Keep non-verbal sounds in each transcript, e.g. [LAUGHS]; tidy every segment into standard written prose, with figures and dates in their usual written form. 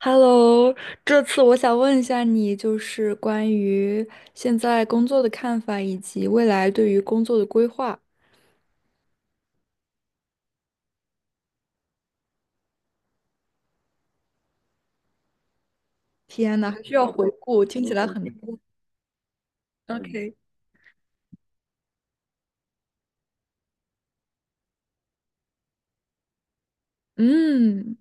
Hello，这次我想问一下你，就是关于现在工作的看法，以及未来对于工作的规划。天呐，还需要回顾，听起来很 OK。嗯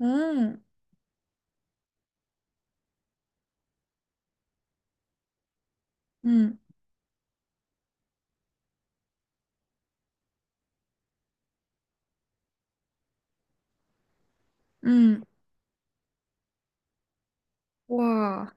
嗯嗯嗯，哇，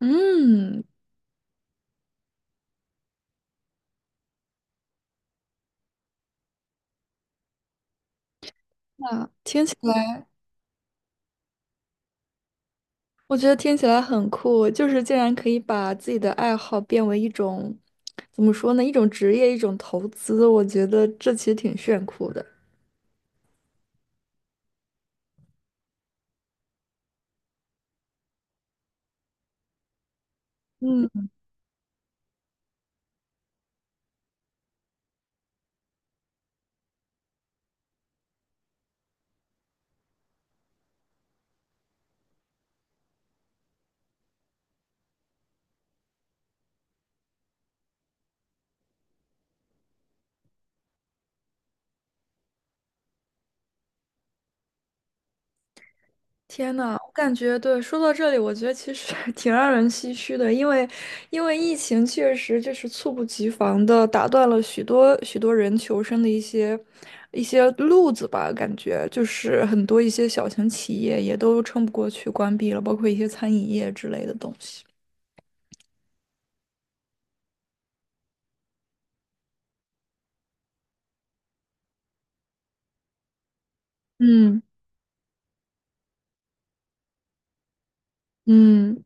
嗯，那听起来，我觉得听起来很酷，就是竟然可以把自己的爱好变为一种，怎么说呢，一种职业，一种投资，我觉得这其实挺炫酷的。嗯。天呐，我感觉对，说到这里，我觉得其实 [LAUGHS] 挺让人唏嘘的，因为疫情确实就是猝不及防的打断了许多许多人求生的一些路子吧，感觉就是很多一些小型企业也都撑不过去，关闭了，包括一些餐饮业之类的东西。嗯嗯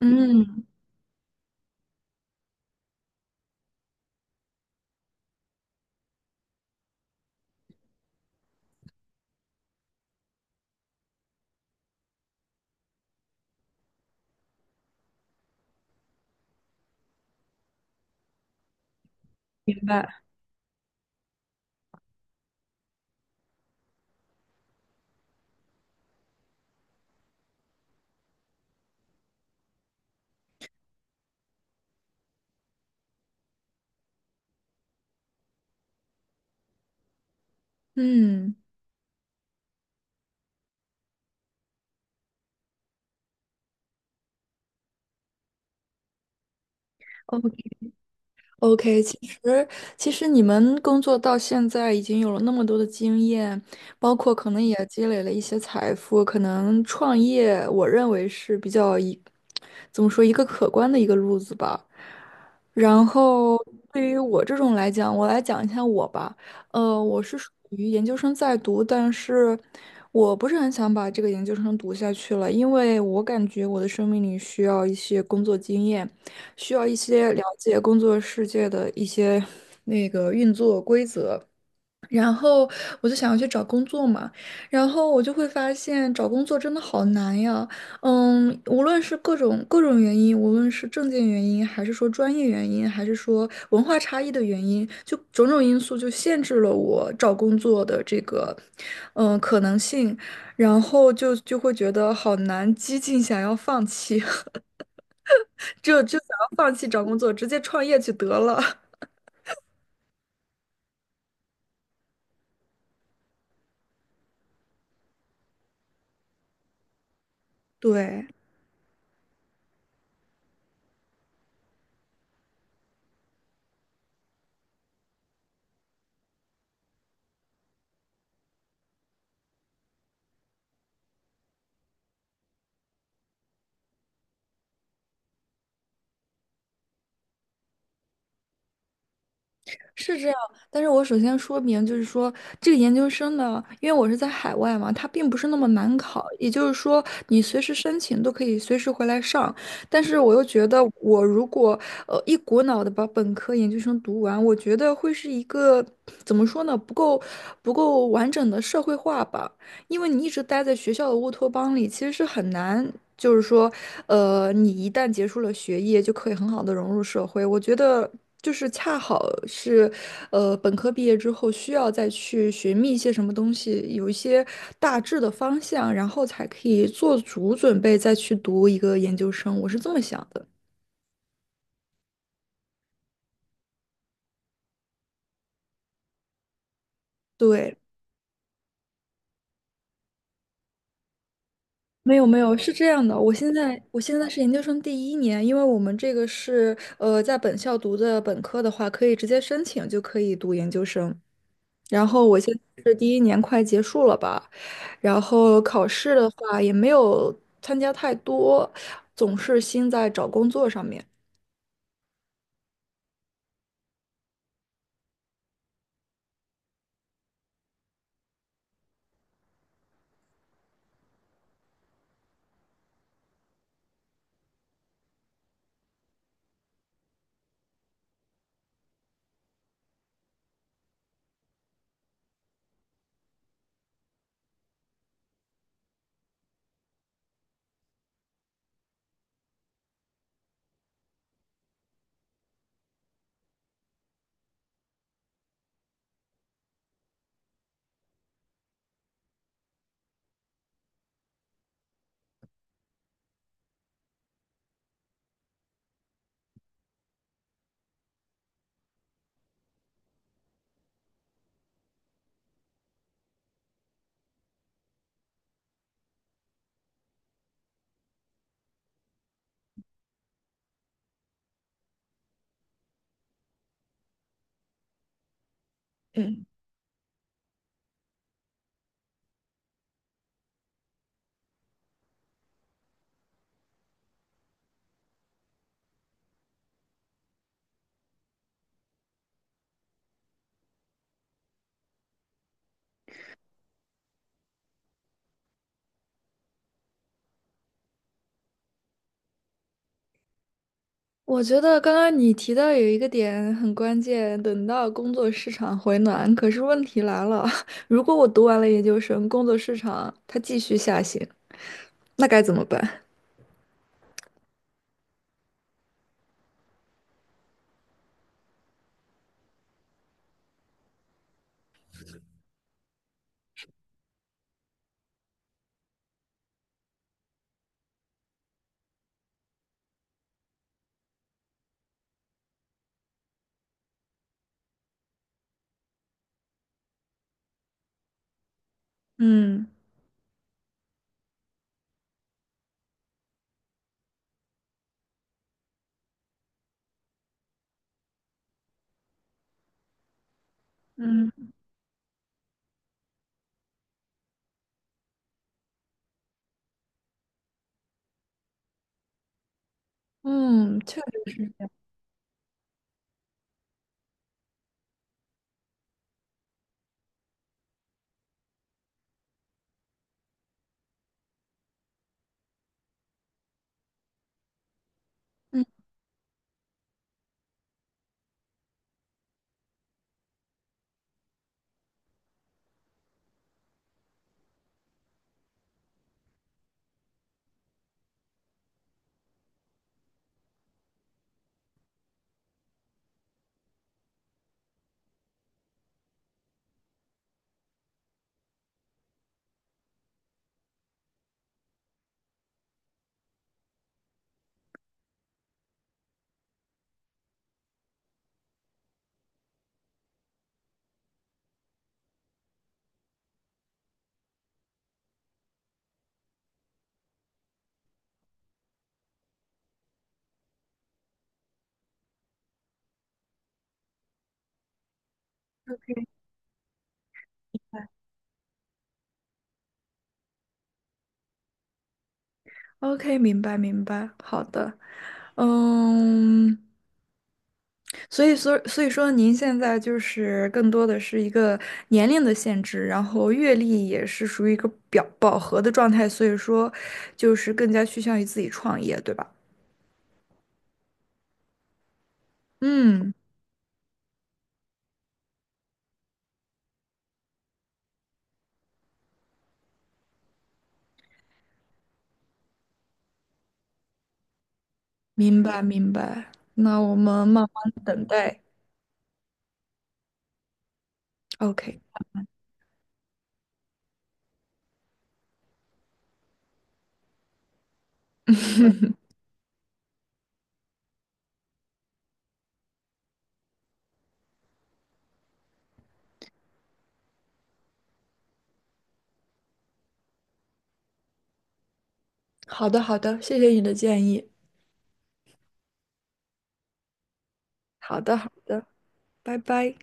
嗯，明白。嗯。OK，其实你们工作到现在已经有了那么多的经验，包括可能也积累了一些财富，可能创业，我认为是比较一，怎么说一个可观的一个路子吧。然后对于我这种来讲，我来讲一下我吧。我是属于研究生在读，但是我不是很想把这个研究生读下去了，因为我感觉我的生命里需要一些工作经验。需要一些了解工作世界的一些那个运作规则。然后我就想要去找工作嘛，然后我就会发现找工作真的好难呀。嗯，无论是各种各种原因，无论是证件原因，还是说专业原因，还是说文化差异的原因，就种种因素就限制了我找工作的这个可能性，然后就会觉得好难，激进想要放弃。就想要放弃找工作，直接创业去得了。[LAUGHS] 对，是这样。但是我首先说明，就是说这个研究生呢，因为我是在海外嘛，它并不是那么难考。也就是说，你随时申请都可以随时回来上。但是我又觉得，我如果一股脑的把本科研究生读完，我觉得会是一个怎么说呢，不够完整的社会化吧。因为你一直待在学校的乌托邦里，其实是很难，就是说，你一旦结束了学业，就可以很好的融入社会。我觉得就是恰好是，本科毕业之后需要再去寻觅一些什么东西，有一些大致的方向，然后才可以做足准备再去读一个研究生。我是这么想的。对，没有没有，是这样的，我现在是研究生第一年，因为我们这个是在本校读的本科的话，可以直接申请就可以读研究生。然后我现在是第一年快结束了吧，然后考试的话也没有参加太多，总是心在找工作上面。嗯，我觉得刚刚你提到有一个点很关键，等到工作市场回暖，可是问题来了，[LAUGHS] 如果我读完了研究生，工作市场它继续下行。那该怎么办？[LAUGHS] 嗯嗯嗯，这嗯，OK，明白明白，好的，嗯，所以说您现在就是更多的是一个年龄的限制，然后阅历也是属于一个表饱和的状态，所以说就是更加趋向于自己创业，对吧？嗯，明白明白，那我们慢慢等待。OK，好的好的，谢谢你的建议。好的好的，拜拜。